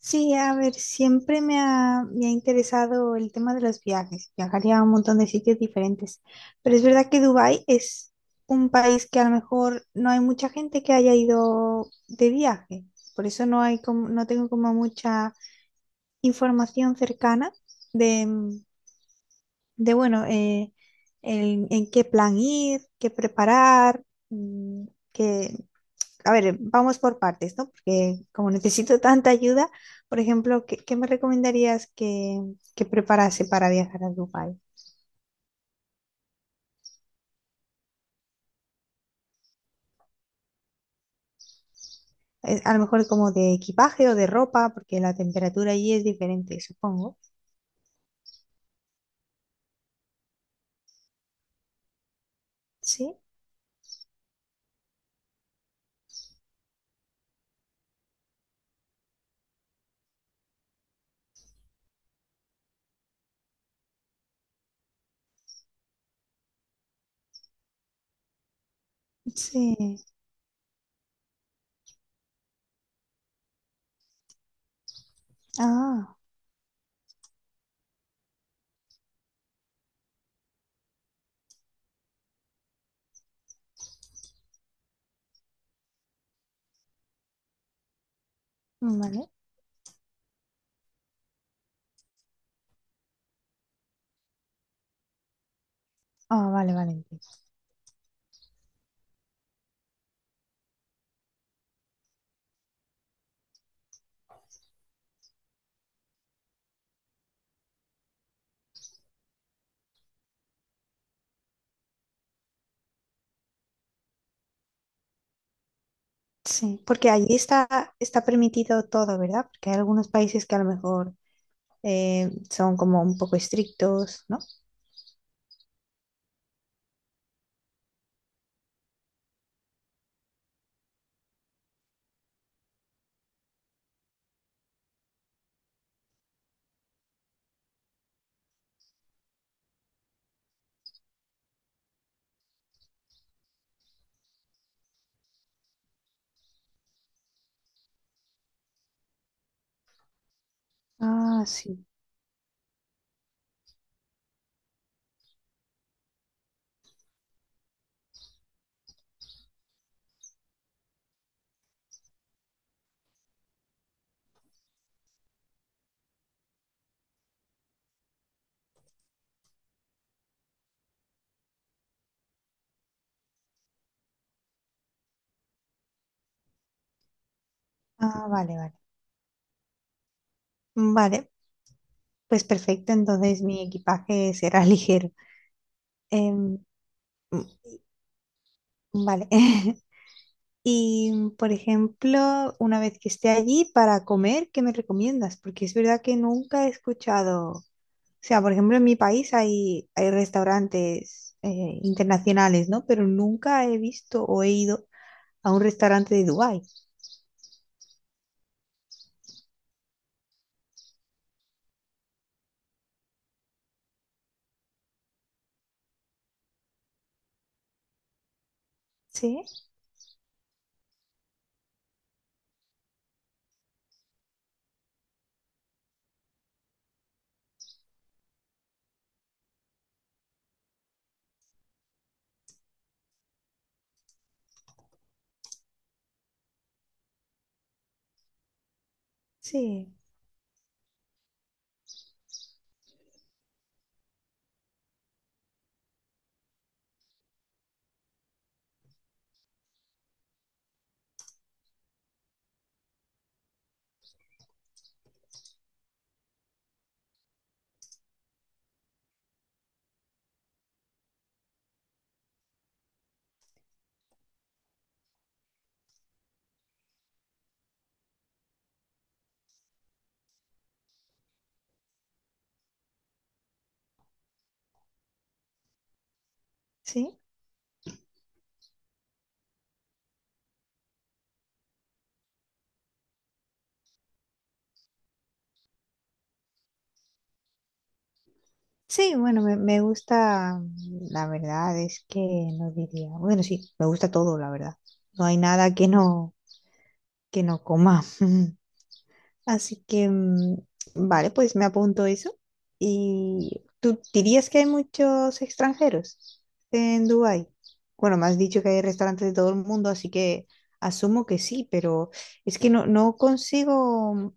Sí, a ver, siempre me ha interesado el tema de los viajes. Viajaría a un montón de sitios diferentes. Pero es verdad que Dubái es un país que a lo mejor no hay mucha gente que haya ido de viaje. Por eso no tengo como mucha información cercana de, mm, de en qué plan ir, qué preparar, mm, qué, a ver, vamos por partes, ¿no? Porque como necesito tanta ayuda, por ejemplo, ¿qué me recomendarías que preparase para viajar a Dubái? A lo mejor como de equipaje o de ropa, porque la temperatura allí es diferente, supongo. Sí, sí. Ah, vale. Ah, vale, vale, entiendo. Sí, porque está permitido todo, ¿verdad? Porque hay algunos países que a lo mejor son como un poco estrictos, ¿no? Ah, sí. Ah, vale, vale. Vale, pues perfecto, entonces mi equipaje será ligero. Em, mm, vale. Y, por ejemplo, una vez que esté allí para comer, ¿qué me recomiendas? Porque es verdad que nunca he escuchado, o sea, por ejemplo, en mi país hay restaurantes internacionales, ¿no? Pero nunca he visto o he ido a un restaurante de Dubái. Sí, sí, sí. Sí, bueno, me gusta, la verdad es que no diría, bueno, sí, me gusta todo, la verdad. No hay nada que no coma. Así que, vale, pues me apunto eso. ¿Y tú dirías que hay muchos extranjeros en Dubái? Bueno, me has dicho que hay restaurantes de todo el mundo, así que asumo que sí, pero es que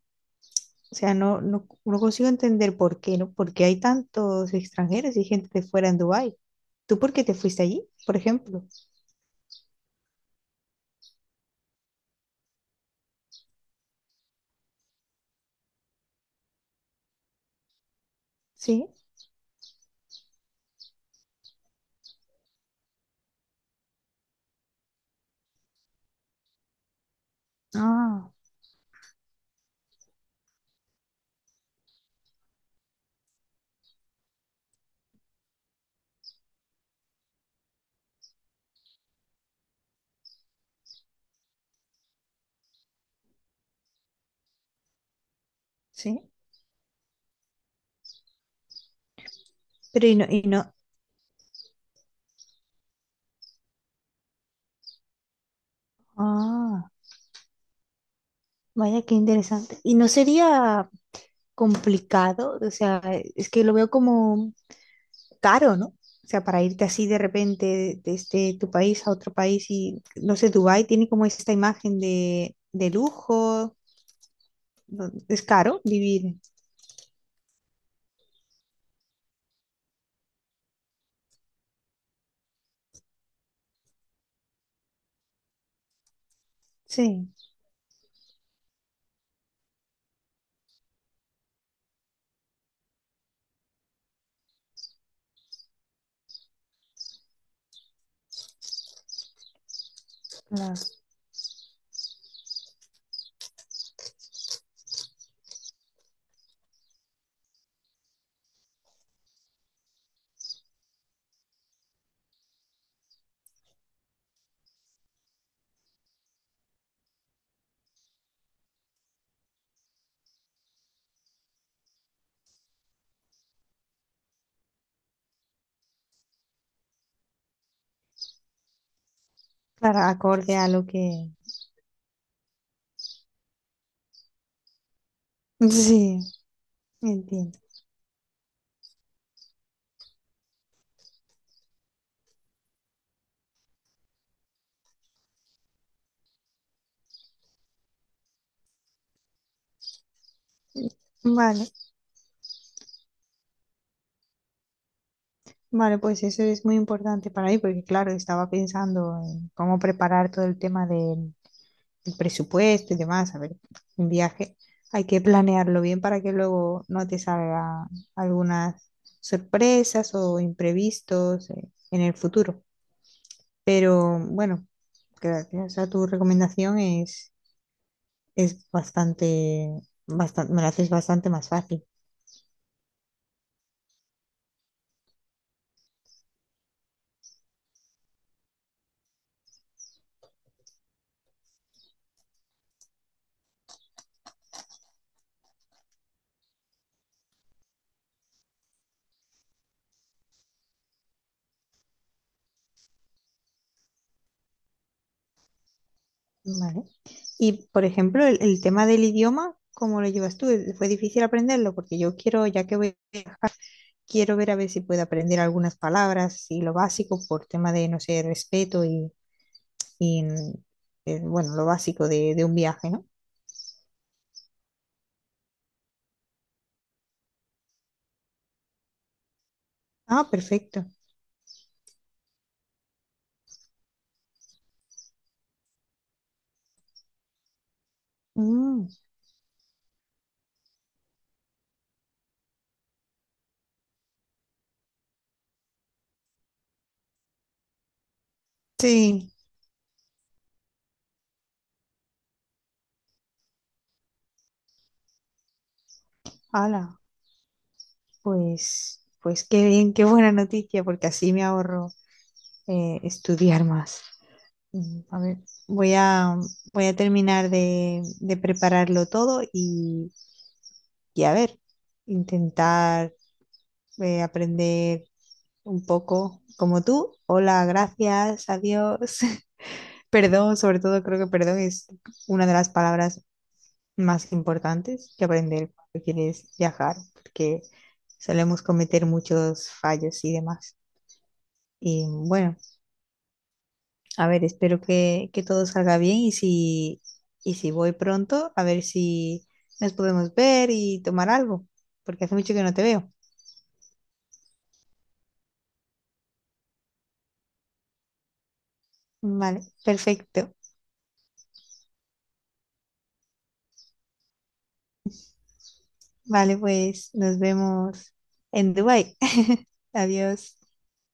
o sea, no consigo entender por qué, ¿no? Porque hay tantos extranjeros y gente de fuera en Dubái. ¿Tú por qué te fuiste allí, por ejemplo? Sí. Ah, sí. Pero y no. Ah, vaya, qué interesante. Y no sería complicado, o sea, es que lo veo como caro, ¿no? O sea, para irte así de repente desde tu país a otro país y, no sé, Dubái tiene como esta imagen de lujo. ¿No? Es caro vivir. Sí, claro. Claro, acorde a lo que... Sí, entiendo. Vale, vale, pues eso es muy importante para mí porque, claro, estaba pensando en cómo preparar todo el tema del presupuesto y demás. A ver, un viaje hay que planearlo bien para que luego no te salgan algunas sorpresas o imprevistos en el futuro. Pero bueno, gracias a tu recomendación es bastante, bastante, me lo haces bastante más fácil. Vale. Y, por ejemplo, el tema del idioma, ¿cómo lo llevas tú? ¿Fue difícil aprenderlo? Porque yo quiero, ya que voy, a viajar, quiero ver a ver si puedo aprender algunas palabras y lo básico por tema de, no sé, respeto y, bueno, lo básico de un viaje, ¿no? Ah, perfecto. Mm, sí, hala, pues, pues qué bien, qué buena noticia, porque así me ahorro estudiar más. A ver, voy a, voy a terminar de prepararlo todo y a ver, intentar aprender un poco como tú. Hola, gracias, adiós. Perdón, sobre todo creo que perdón es una de las palabras más importantes que aprender cuando quieres viajar, porque solemos cometer muchos fallos y demás. Y bueno. A ver, espero que todo salga bien y y si voy pronto, a ver si nos podemos ver y tomar algo, porque hace mucho que no te veo. Vale, perfecto. Vale, pues nos vemos en Dubái. Adiós.